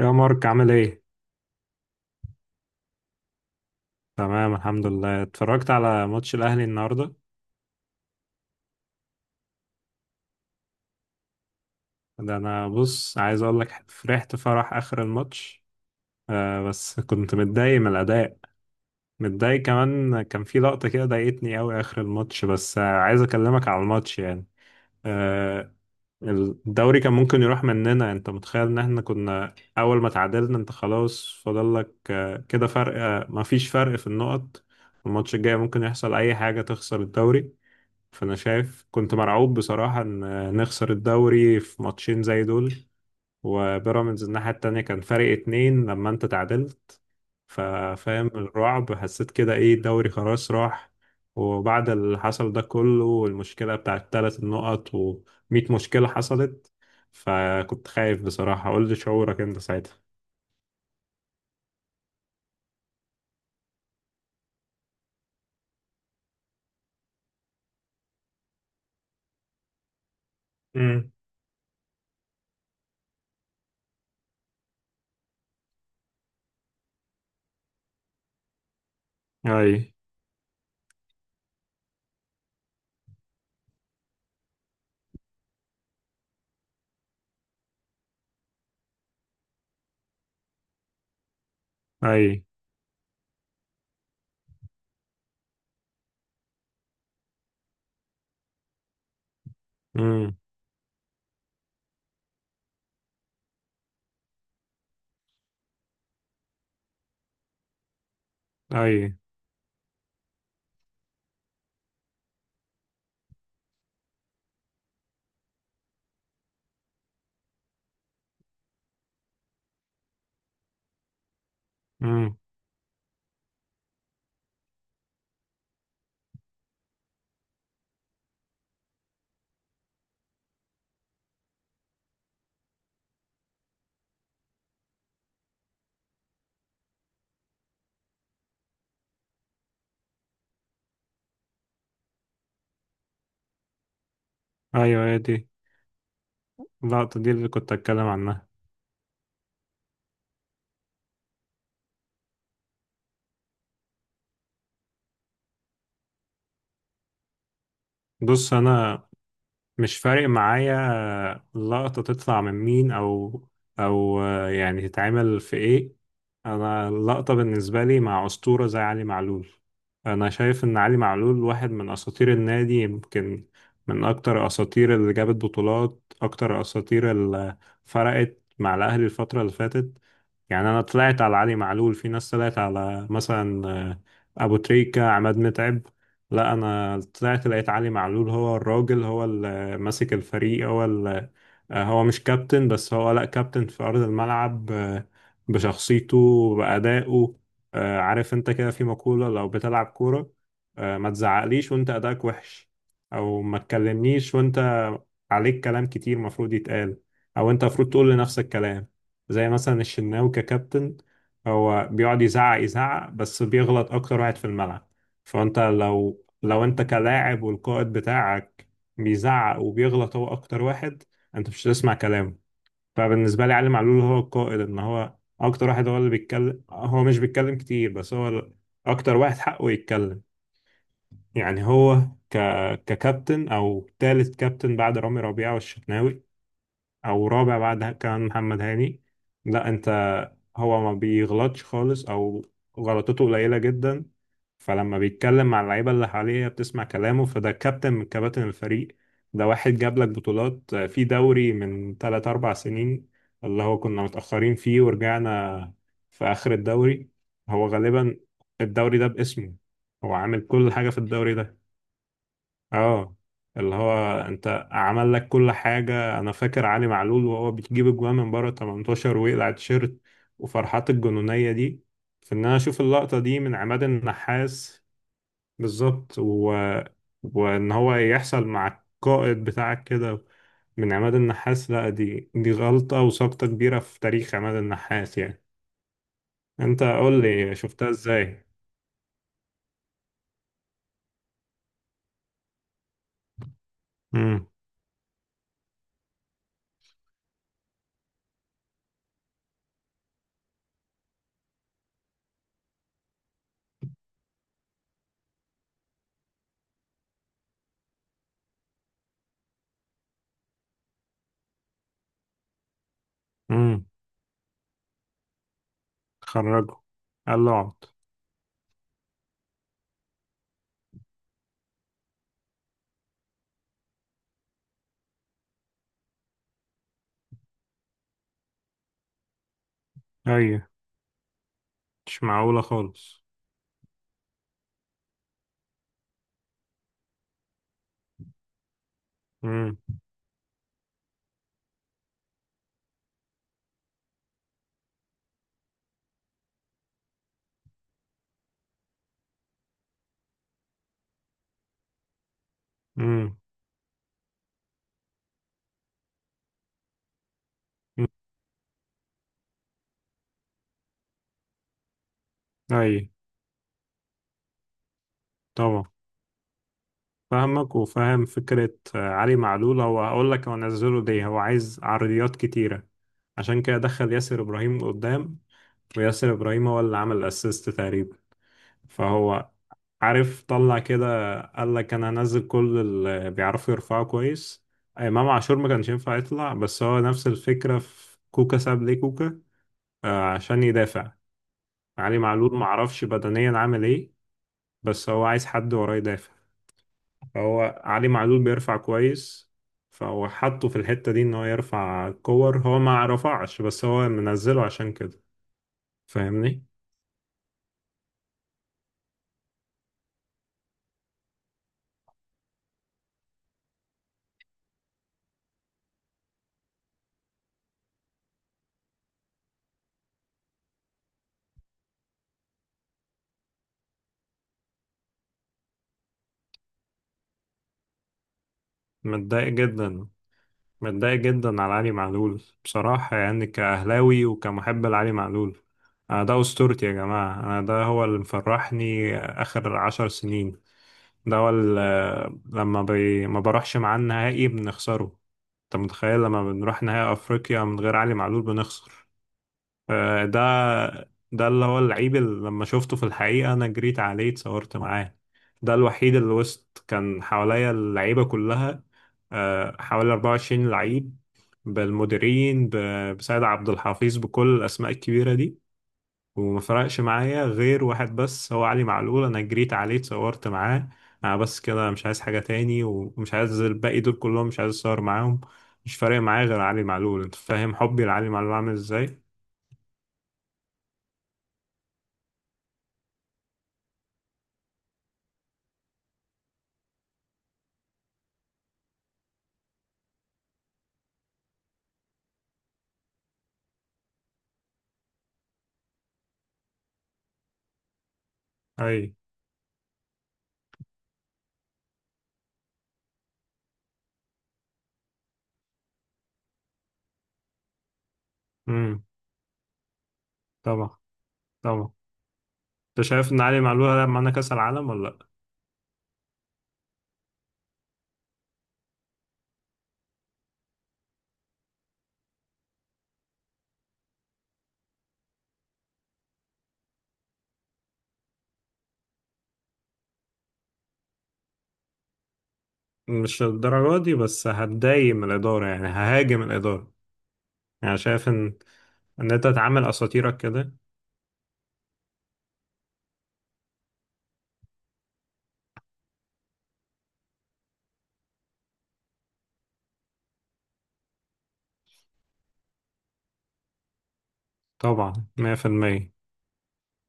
يا مارك، عامل ايه؟ تمام، الحمد لله. اتفرجت على ماتش الاهلي النهارده. ده انا بص، عايز اقول لك فرحت فرح اخر الماتش. آه، بس كنت متضايق من الاداء. متضايق كمان، كان في لقطه كده ضايقتني قوي اخر الماتش، بس عايز اكلمك على الماتش يعني. آه. الدوري كان ممكن يروح مننا. انت متخيل ان احنا كنا اول ما تعادلنا انت خلاص فاضل لك كده فرق، مفيش فرق في النقط. الماتش الجاي ممكن يحصل اي حاجه تخسر الدوري. فانا شايف، كنت مرعوب بصراحة ان نخسر الدوري في ماتشين زي دول. وبيراميدز الناحية التانية كان فرق 2 لما انت تعادلت. ففاهم الرعب، حسيت كده ايه، الدوري خلاص راح. وبعد اللي حصل ده كله، والمشكلة بتاعت 3 النقط ومية مشكلة حصلت، فكنت خايف بصراحة. قول لي شعورك انت ساعتها. امم. اي. اي. امم. اي. امم. ايوه، هي دي. اللقطة دي اللي كنت اتكلم عنها. بص، انا مش فارق معايا اللقطة تطلع من مين، أو يعني تتعمل في إيه. أنا اللقطة بالنسبة لي مع أسطورة زي علي معلول. أنا شايف إن علي معلول واحد من أساطير النادي، يمكن من أكتر أساطير اللي جابت بطولات، أكتر أساطير اللي فرقت مع الأهلي الفترة اللي فاتت. يعني أنا طلعت على علي معلول، في ناس طلعت على مثلا أبو تريكة، عماد متعب. لا، أنا طلعت لقيت علي معلول هو الراجل، هو ماسك الفريق، هو هو مش كابتن بس، هو لا كابتن في أرض الملعب بشخصيته، بأدائه. عارف انت كده في مقولة، لو بتلعب كورة ما تزعقليش وانت أدائك وحش، أو ما تكلمنيش وانت عليك كلام كتير مفروض يتقال، أو انت مفروض تقول لنفسك كلام، زي مثلا الشناوي ككابتن. هو بيقعد يزعق يزعق بس بيغلط أكتر واحد في الملعب. فانت لو انت كلاعب والقائد بتاعك بيزعق وبيغلط هو اكتر واحد، انت مش هتسمع كلامه. فبالنسبه لي علي معلول هو القائد، ان هو اكتر واحد، هو اللي بيتكلم. هو مش بيتكلم كتير بس هو اكتر واحد حقه يتكلم. يعني هو ك... ككابتن او تالت كابتن بعد رامي ربيعه والشناوي، او رابع بعد كمان محمد هاني. لا انت، هو ما بيغلطش خالص او غلطته قليله جدا، فلما بيتكلم مع اللعيبة اللي حواليه بتسمع كلامه. فده كابتن من كباتن الفريق. ده واحد جاب لك بطولات في دوري من 3 4 سنين، اللي هو كنا متأخرين فيه ورجعنا في آخر الدوري. هو غالبا الدوري ده باسمه، هو عامل كل حاجة في الدوري ده. اه. اللي هو انت عمل لك كل حاجة، انا فاكر علي معلول وهو بيجيب اجوان من بره 18 ويقلع التيشيرت وفرحات الجنونية دي، في ان انا اشوف اللقطة دي من عماد النحاس. بالظبط. وان هو يحصل مع القائد بتاعك كده من عماد النحاس، لا، دي غلطة وسقطة كبيرة في تاريخ عماد النحاس يعني. انت قول لي شفتها ازاي. امم. امم. خرجه، قال له اقعد. ايوه. مش معقولة خالص. امم. امم. ايوه. طبعا. فاهمك وفاهم فكرة. علي معلول هو، هقول لك هو نزله ليه، هو عايز عرضيات كتيرة. عشان كده دخل ياسر إبراهيم قدام، وياسر إبراهيم هو اللي عمل أسيست تقريبا. فهو عارف، طلع كده قال لك أنا هنزل كل اللي بيعرفوا يرفعوا كويس. إمام عاشور ما كانش ينفع يطلع، بس هو نفس الفكرة في كوكا، ساب ليه كوكا عشان يدافع. علي معلول معرفش بدنيا عامل إيه بس هو عايز حد وراه يدافع. هو علي معلول بيرفع كويس، فهو حطه في الحتة دي ان هو يرفع كور، هو ما رفعش، بس هو منزله عشان كده. فاهمني. متضايق جدا، متضايق جدا على علي معلول بصراحة يعني، كأهلاوي وكمحب لعلي معلول. أنا ده أسطورتي يا جماعة، أنا ده هو اللي مفرحني آخر 10 سنين. ده هو اللي لما ما بروحش معاه النهائي بنخسره. أنت متخيل، لما بنروح نهائي أفريقيا من غير علي معلول بنخسر. ده، ده اللي هو اللعيب اللي لما شفته في الحقيقة أنا جريت عليه اتصورت معاه. ده الوحيد اللي وسط كان حواليا اللعيبة كلها، حوالي 24 لعيب، بالمديرين بسيد عبد الحفيظ بكل الأسماء الكبيرة دي، وما فرقش معايا غير واحد بس هو علي معلول. أنا جريت عليه اتصورت معاه. أنا بس كده، مش عايز حاجة تاني ومش عايز الباقي دول كلهم، مش عايز أتصور معاهم. مش فارق معايا غير علي معلول. أنت فاهم حبي لعلي معلول عامل إزاي؟ أي. امم. طبعا. طبعا. انت شايف ان علي معلول هيلعب معانا كاس العالم ولا لا. مش الدرجه دي، بس هتضايق من الاداره يعني، ههاجم الاداره. يعني شايف ان انت تعامل اساطيرك كده. طبعا، 100%.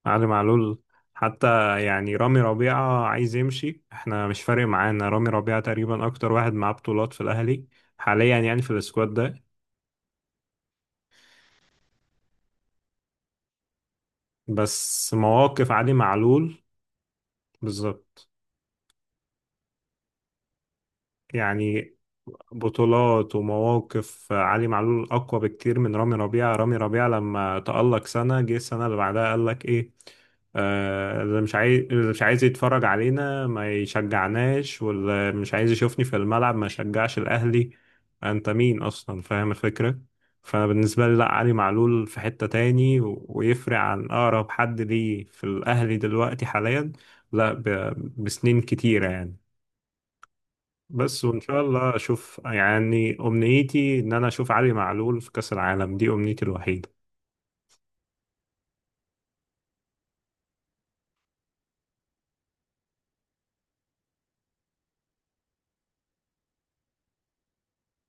علي معلول، حتى يعني رامي ربيعة عايز يمشي، احنا مش فارق معانا. رامي ربيعة تقريبا اكتر واحد معاه بطولات في الاهلي حاليا، يعني في السكواد ده. بس مواقف علي معلول، بالظبط. يعني بطولات ومواقف علي معلول أقوى بكتير من رامي ربيعة. رامي ربيعة لما تألق سنة، جه السنة اللي بعدها قال لك إيه، اللي مش عايز، يتفرج علينا ما يشجعناش، واللي مش عايز يشوفني في الملعب ما يشجعش الأهلي. أنت مين أصلا؟ فاهم الفكرة. فأنا بالنسبة لي لأ، علي معلول في حتة تاني ويفرق عن أقرب حد ليه في الأهلي دلوقتي حاليا. لأ، بسنين كتيرة يعني. بس وان شاء الله اشوف، يعني امنيتي ان انا اشوف علي معلول في كاس العالم. دي امنيتي الوحيده.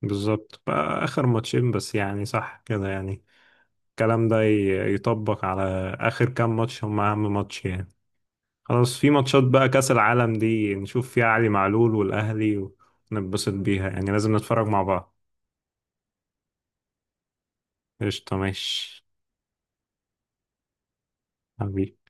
بالظبط، بقى اخر ماتشين بس يعني، صح كده يعني. الكلام ده يطبق على اخر كام ماتش، هم اهم ماتش يعني. خلاص، في ماتشات بقى، كاس العالم دي نشوف فيها علي معلول والاهلي ونتبسط بيها يعني. لازم نتفرج مع بعض. قشطه، ماشي. حبيبي.